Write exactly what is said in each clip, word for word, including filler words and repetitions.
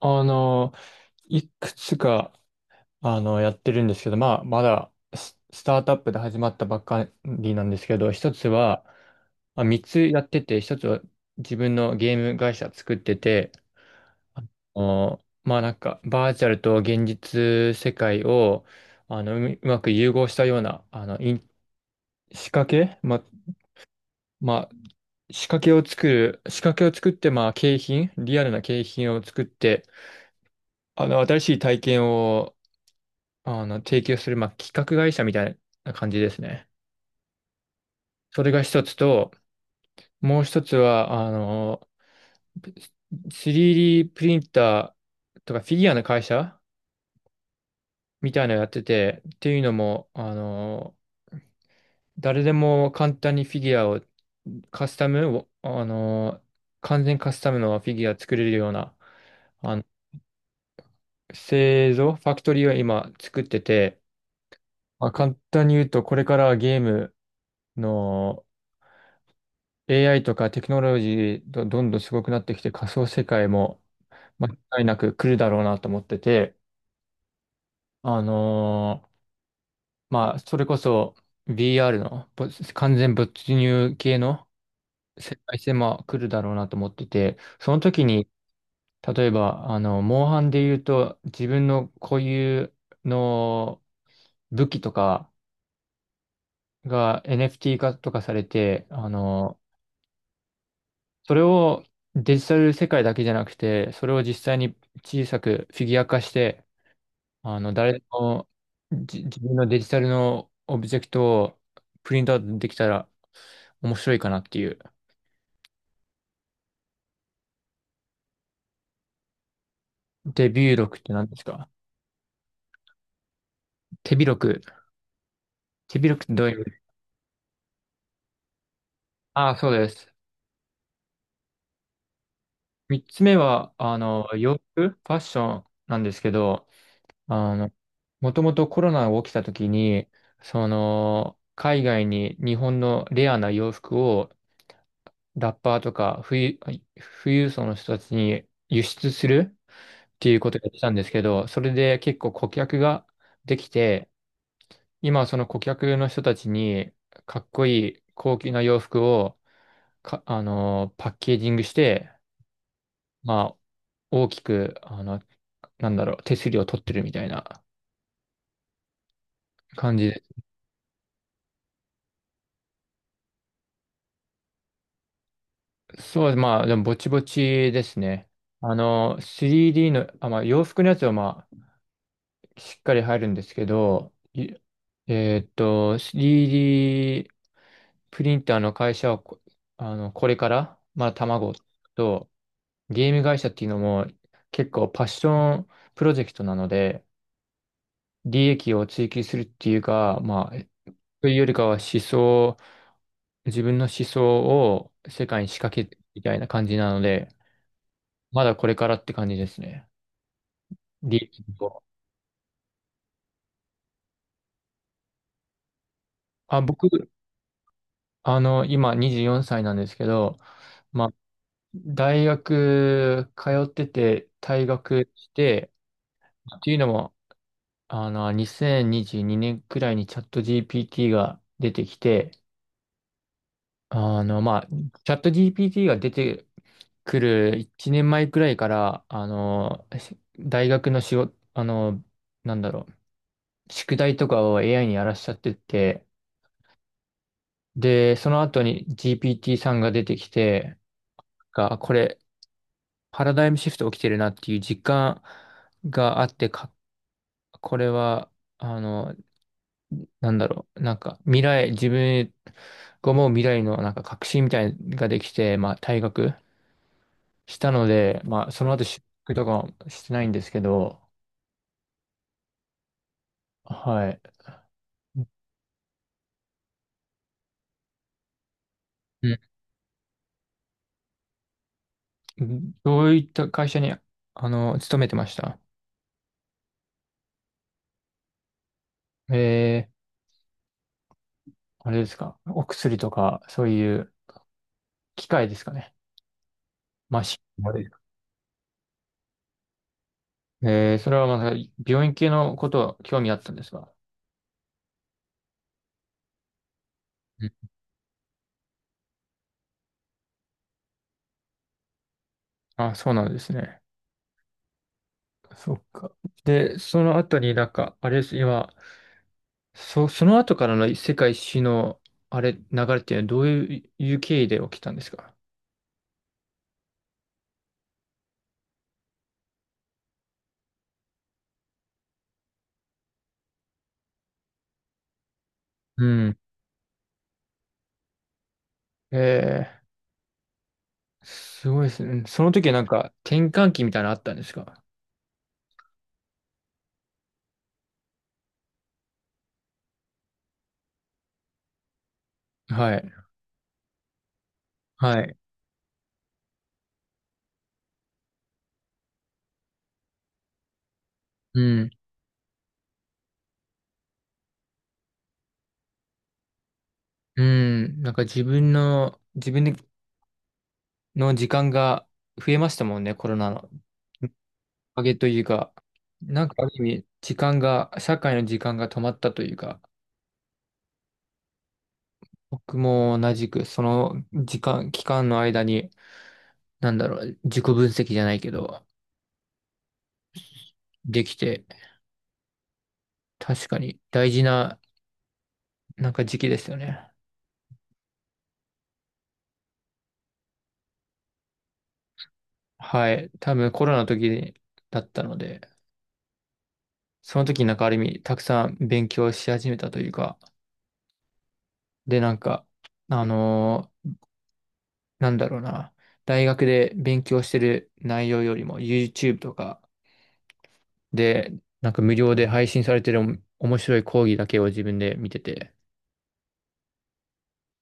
あの、いくつか、あの、やってるんですけど、まあ、まだス、スタートアップで始まったばっかりなんですけど、一つは、まあ、三つやってて、一つは自分のゲーム会社作ってて、あの、まあなんか、バーチャルと現実世界を、あの、うみうまく融合したような、あの、イン仕掛けま、まあ、仕掛けを作る、仕掛けを作って、まあ、景品、リアルな景品を作って、あの、新しい体験をあの、提供する、まあ、企画会社みたいな感じですね。それが一つと、もう一つは、あの、スリーディー プリンターとかフィギュアの会社みたいなのやってて、っていうのも、あの、誰でも簡単にフィギュアをカスタムを、あの、完全カスタムのフィギュア作れるような、あの、製造、ファクトリーを今作ってて、まあ、簡単に言うと、これからはゲームの、エーアイ とかテクノロジーど、どんどんすごくなってきて仮想世界も間違いなく来るだろうなと思ってて、あのーまあ、それこそ ブイアール のぼ完全没入系の世界線も来るだろうなと思ってて、その時に、例えば、あの、モンハンで言うと自分の固有の武器とかが エヌエフティー 化とかされて、あのそれをデジタル世界だけじゃなくて、それを実際に小さくフィギュア化して、あの、誰でもじ自分のデジタルのオブジェクトをプリントアウトできたら面白いかなっていう。デビュー録って何ですか？手広く。手広くってどういう意味？ああ、そうです。三つ目は、あの、洋服、ファッションなんですけど、あの、もともとコロナが起きた時に、その、海外に日本のレアな洋服をラッパーとか富裕、富裕層の人たちに輸出するっていうことをやってたんですけど、それで結構顧客ができて、今はその顧客の人たちにかっこいい高級な洋服をか、あのーパッケージングして、まあ、大きく、あの、なんだろう、手すりを取ってるみたいな感じで。そうです、まあ、でもぼちぼちですね。あの、スリーディー の、あ、まあ、洋服のやつはまあ、しっかり入るんですけど、いえーっと、スリーディー プリンターの会社をこ、あの、これから、まあ、卵と、ゲーム会社っていうのも結構パッションプロジェクトなので、利益を追求するっていうか、まあ、というよりかは思想、自分の思想を世界に仕掛けるみたいな感じなので、まだこれからって感じですね。利益を。あ、僕、あの、今にじゅうよんさいなんですけど、まあ大学通ってて退学して、っていうのも、あの、にせんにじゅうにねんくらいにチャット ジーピーティー が出てきて、あの、まあ、チャット ジーピーティー が出てくるいちねんまえくらいから、あの、し大学の仕事、あの、なんだろう、宿題とかを エーアイ にやらしちゃってて、で、その後に ジーピーティー さんが出てきて、が、これ、パラダイムシフト起きてるなっていう実感があって、これは、あの、なんだろう、なんか未来、自分が思う未来のなんか確信みたいなのができて、まあ退学したので、まあその後就職とかはしてないんですけど、はい。うん。どういった会社に、あの、勤めてました？えー、あれですか？お薬とか、そういう機械ですかね。マシン。あれええー、それはまた病院系のことは興味あったんですか？うん。あ、そうなんですね。そっか。で、その後になんか、あれです、今、そ、その後からの世界史の、あれ、流れっていうのはどういう経緯で起きたんですか？うん。ええ、すごいですね。その時はなんか、転換期みたいなのあったんですか？はい。はい。うん。うん。なんか自分の、自分の時間が増えましたもんね、コロナの。おかげというか、なんかある意味、時間が、社会の時間が止まったというか、僕も同じく、その時間、期間の間に、なんだろう、自己分析じゃないけど、できて、確かに大事な、なんか時期ですよね。はい。多分コロナの時だったので、その時なんかある意味、たくさん勉強し始めたというか、で、なんか、あのーなんだろうな、大学で勉強してる内容よりも、YouTube とかで、なんか無料で配信されてる面白い講義だけを自分で見てて、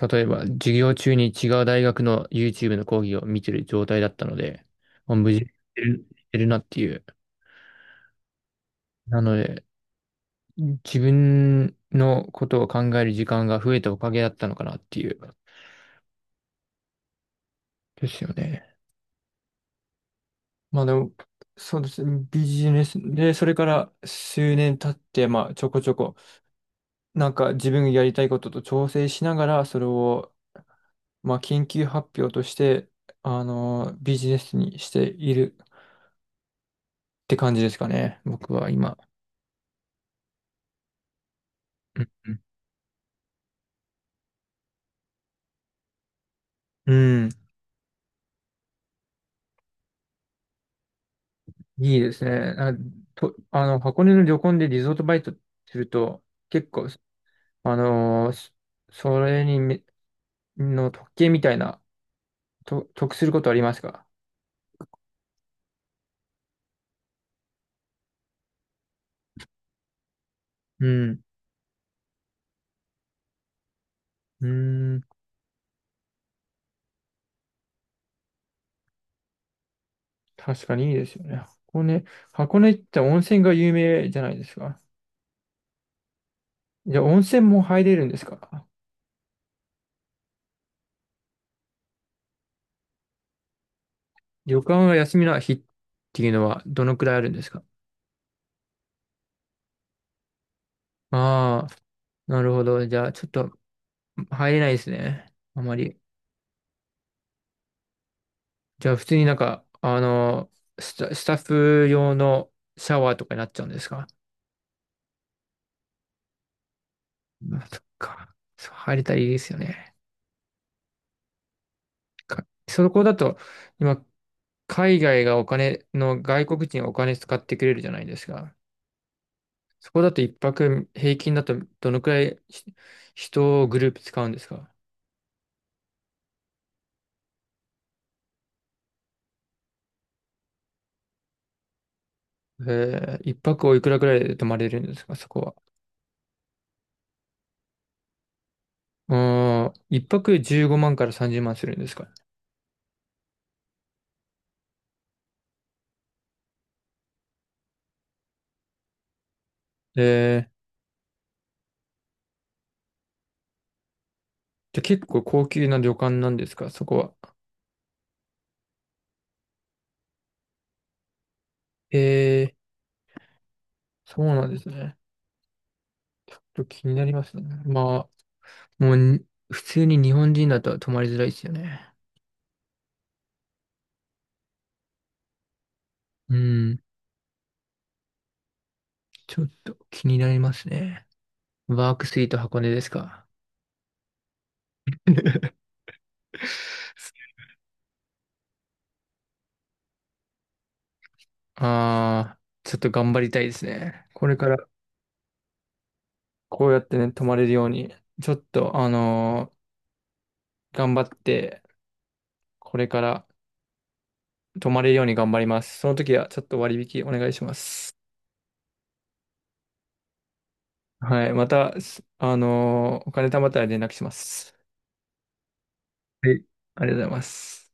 例えば、授業中に違う大学の YouTube の講義を見てる状態だったので、もう無事にしてる、してるなっていう。なので、自分のことを考える時間が増えたおかげだったのかなっていう。ですよね。まあでも、そうですね。ビジネスで、それから数年経って、まあちょこちょこ、なんか自分がやりたいことと調整しながら、それを、まあ研究発表として、あの、ビジネスにしている。って感じですかね。僕は今。うん。うん。うん。いいですね。あと、あの、箱根の旅行でリゾートバイトすると、結構、あのーそそれにめ、の特権みたいな、と、得することありますか？うん。うん。確かにいいですよね。箱根、箱根って温泉が有名じゃないですか。じゃあ温泉も入れるんですか？旅館が休みの日っていうのはどのくらいあるんですか？ああー、なるほど。じゃあちょっと入れないですね。あまり。じゃあ普通になんか、あの、スタ、スタッフ用のシャワーとかになっちゃうんですか？あ、そっか。そう、入れたらいいですよね。か、そこだと、今、海外がお金の、外国人がお金使ってくれるじゃないですか。そこだと一泊平均だとどのくらいひ人をグループ使うんですか？えー、一泊おいくらくらいで泊まれるんですか、そこは？うーん、一泊じゅうごまんからさんじゅうまんするんですか？えー、じゃあ結構高級な旅館なんですか、そこは？ええ、そうなんですね。ちょっと気になりますね。まあ、もうに普通に日本人だと泊まりづらいですよね。うん、ちょっと気になりますね。ワークスイート箱根ですか？ああ、ちょっと頑張りたいですね。これからこうやってね、泊まれるように、ちょっと、あのー頑張って、これから泊まれるように頑張ります。その時はちょっと割引お願いします。はい。また、すあのーお金貯まったら連絡します。はい。ありがとうございます。